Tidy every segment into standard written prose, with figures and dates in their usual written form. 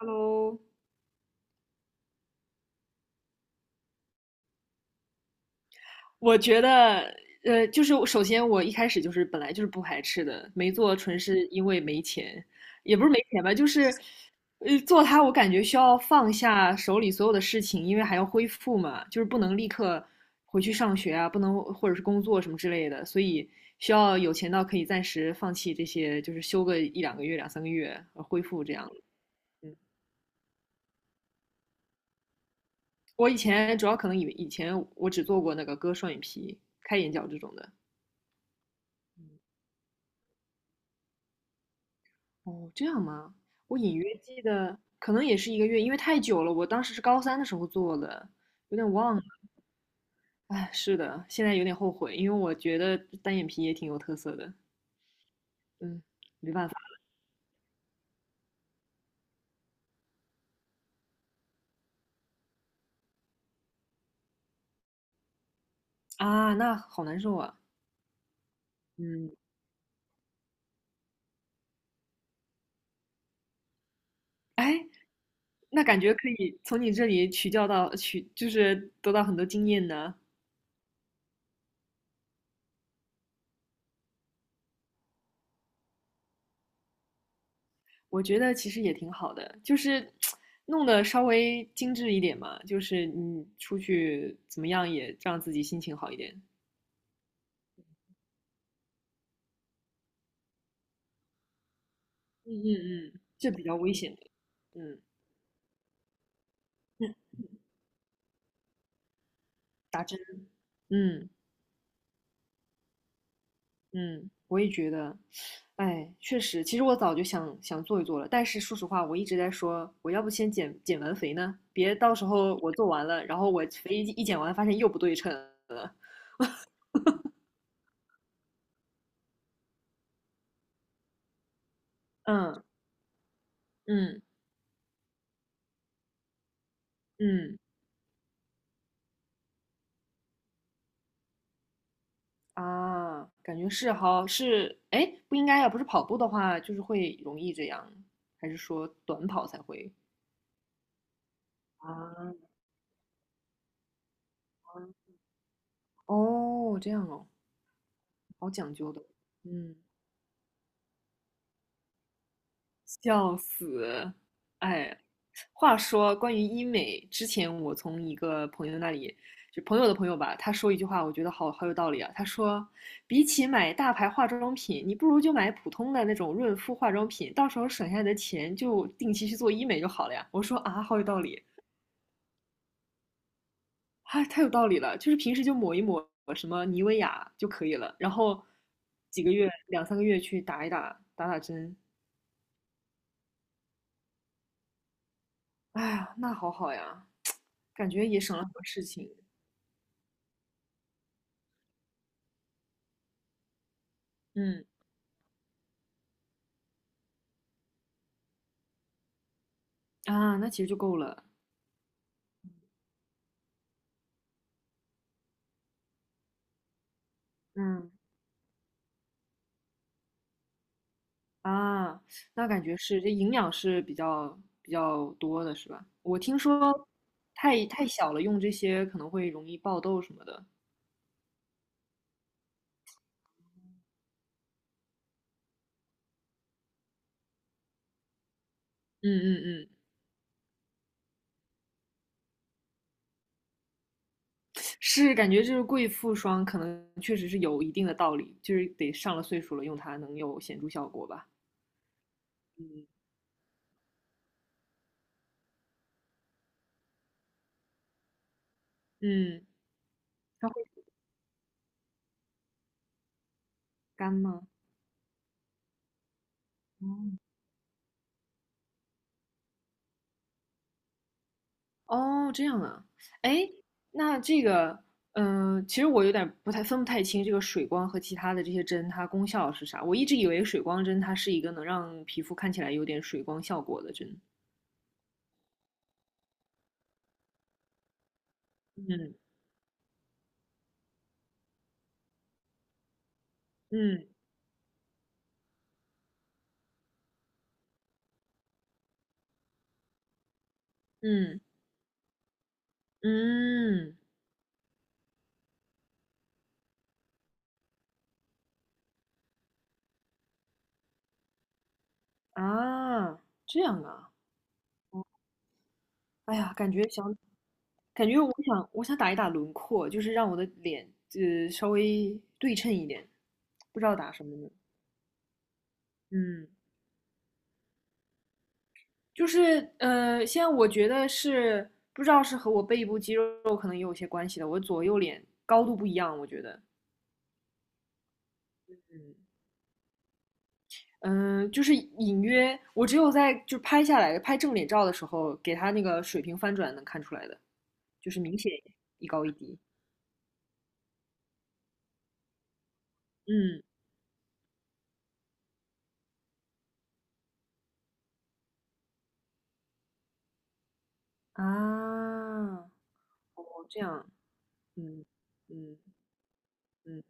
Hello，我觉得，就是首先我一开始就是本来就是不排斥的，没做纯是因为没钱，也不是没钱吧，就是，做它我感觉需要放下手里所有的事情，因为还要恢复嘛，就是不能立刻回去上学啊，不能或者是工作什么之类的，所以需要有钱到可以暂时放弃这些，就是休个一两个月、两三个月恢复这样。嗯，我以前主要可能以前我只做过那个割双眼皮、开眼角这种的。哦，这样吗？我隐约记得，可能也是一个月，因为太久了。我当时是高三的时候做的，有点忘了。哎，是的，现在有点后悔，因为我觉得单眼皮也挺有特色的。嗯，啊，那好难受啊。嗯，哎，那感觉可以从你这里取教到取，就是得到很多经验呢。我觉得其实也挺好的，就是弄得稍微精致一点嘛，就是你出去怎么样也让自己心情好一点。嗯嗯嗯，这比较危险的。嗯嗯，打针。嗯嗯，我也觉得，哎，确实，其实我早就想想做一做了，但是说实话，我一直在说，我要不先减完肥呢，别到时候我做完了，然后我肥一减完，发现又不对称了。嗯嗯嗯啊，感觉是好是，哎，不应该啊，不是跑步的话，就是会容易这样，还是说短跑才会啊？哦，这样哦。好讲究的，嗯，笑死，哎，话说关于医美，之前我从一个朋友那里，就朋友的朋友吧，他说一句话，我觉得好好有道理啊。他说，比起买大牌化妆品，你不如就买普通的那种润肤化妆品，到时候省下来的钱就定期去做医美就好了呀。我说啊，好有道理，哎，太有道理了，就是平时就抹一抹什么妮维雅就可以了，然后几个月两三个月去打一打打打针，哎呀，那好好呀，感觉也省了很多事情。嗯啊，那其实就够了。嗯啊，那感觉是这营养是比较多的，是吧？我听说太小了用这些可能会容易爆痘什么的。嗯嗯嗯，是感觉就是贵妇霜可能确实是有一定的道理，就是得上了岁数了用它能有显著效果吧。嗯嗯，它会干吗？哦哦，这样啊，哎，那这个，嗯、其实我有点不太清这个水光和其他的这些针，它功效是啥？我一直以为水光针它是一个能让皮肤看起来有点水光效果的针。嗯嗯嗯嗯啊，这样啊，哎呀，感觉我想打一打轮廓，就是让我的脸稍微对称一点，不知道打什么呢。嗯。就是现在我觉得是不知道是和我背部肌肉可能也有些关系的，我左右脸高度不一样，我觉得，嗯，嗯、就是隐约我只有在就拍下来拍正脸照的时候，给它那个水平翻转能看出来的，就是明显一高一低，嗯啊，哦这样，嗯嗯嗯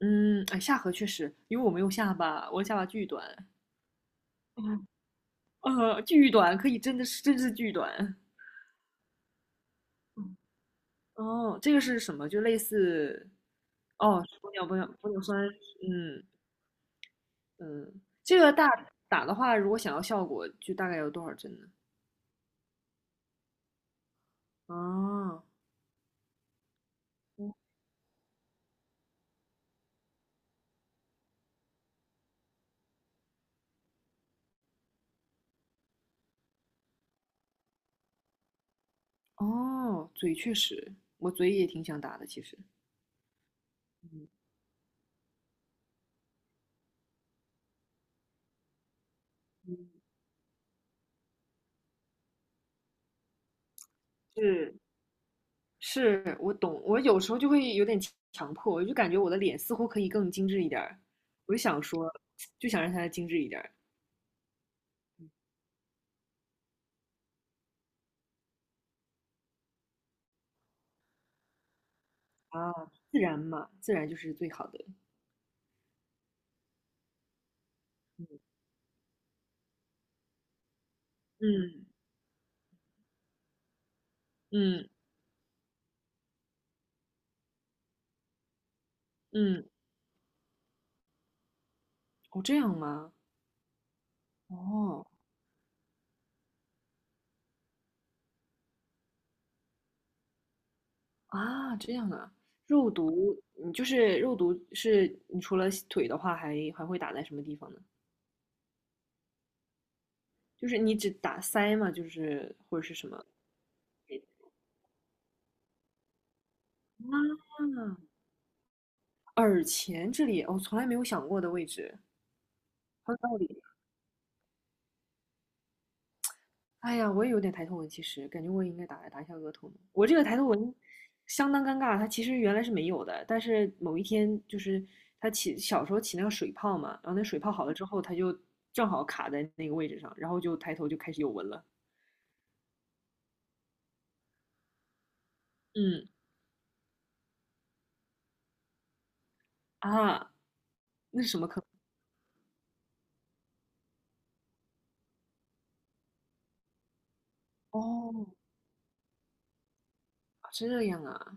嗯，哎，下颌确实，因为我没有下巴，我的下巴巨短，巨短，可以真是巨短，哦，这个是什么？就类似哦，玻尿酸，嗯嗯，这个打的话，如果想要效果，就大概有多少针呢？哦哦，嘴确实，我嘴也挺想打的，其实。嗯嗯，是是，我懂。我有时候就会有点强迫，我就感觉我的脸似乎可以更精致一点儿，我就想说，就想让它精致一点儿啊，自然嘛，自然就是最好的。嗯嗯嗯，哦，这样吗？哦，啊，这样啊，肉毒，你就是肉毒是，你除了腿的话还，还会打在什么地方呢？就是你只打腮嘛，就是或者是什么啊？耳前这里，我、从来没有想过的位置，很有道理。哎呀，我也有点抬头纹，其实感觉我也应该打打一下额头呢我这个抬头纹相当尴尬，它其实原来是没有的，但是某一天就是它起小时候起那个水泡嘛，然后那水泡好了之后，它就正好卡在那个位置上，然后就抬头就开始有纹了。嗯啊，那是什么坑？哦，这样啊，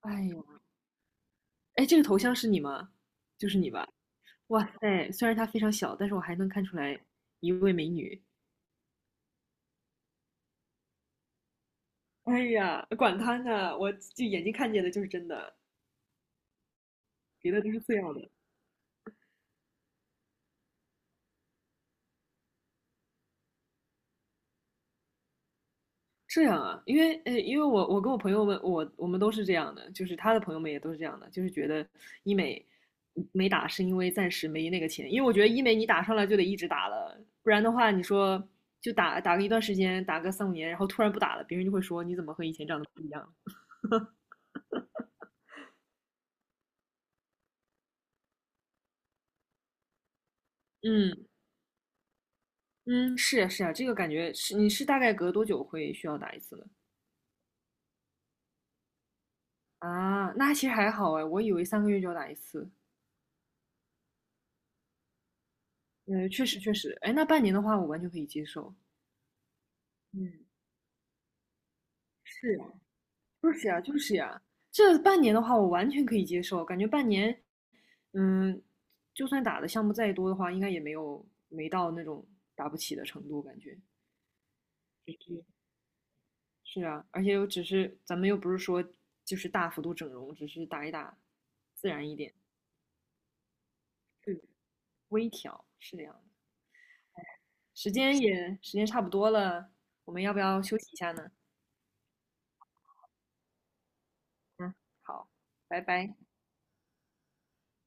哎呦，哎，这个头像是你吗？就是你吧？哇塞，虽然它非常小，但是我还能看出来一位美女。哎呀，管他呢，我就眼睛看见的就是真的。别的都是次要的。这样啊，因为我跟我朋友们，我们都是这样的，就是他的朋友们也都是这样的，就是觉得医美没打是因为暂时没那个钱，因为我觉得医美你打上来就得一直打了，不然的话你说就打个一段时间，打个三五年，然后突然不打了，别人就会说你怎么和以前长得嗯嗯，是呀是呀，这个感觉是你是大概隔多久会需要打一次呢？啊，那其实还好哎，我以为三个月就要打一次，嗯，确实确实，哎，那半年的话我完全可以接受，嗯，是就是呀，就是呀，这半年的话，我完全可以接受，感觉半年，嗯，就算打的项目再多的话，应该也没到那种打不起的程度，感觉。是啊，而且又只是咱们又不是说就是大幅度整容，只是打一打，自然一点，嗯，微调，是这样的。时间差不多了，我们要不要休息一下呢？嗯，好，拜拜。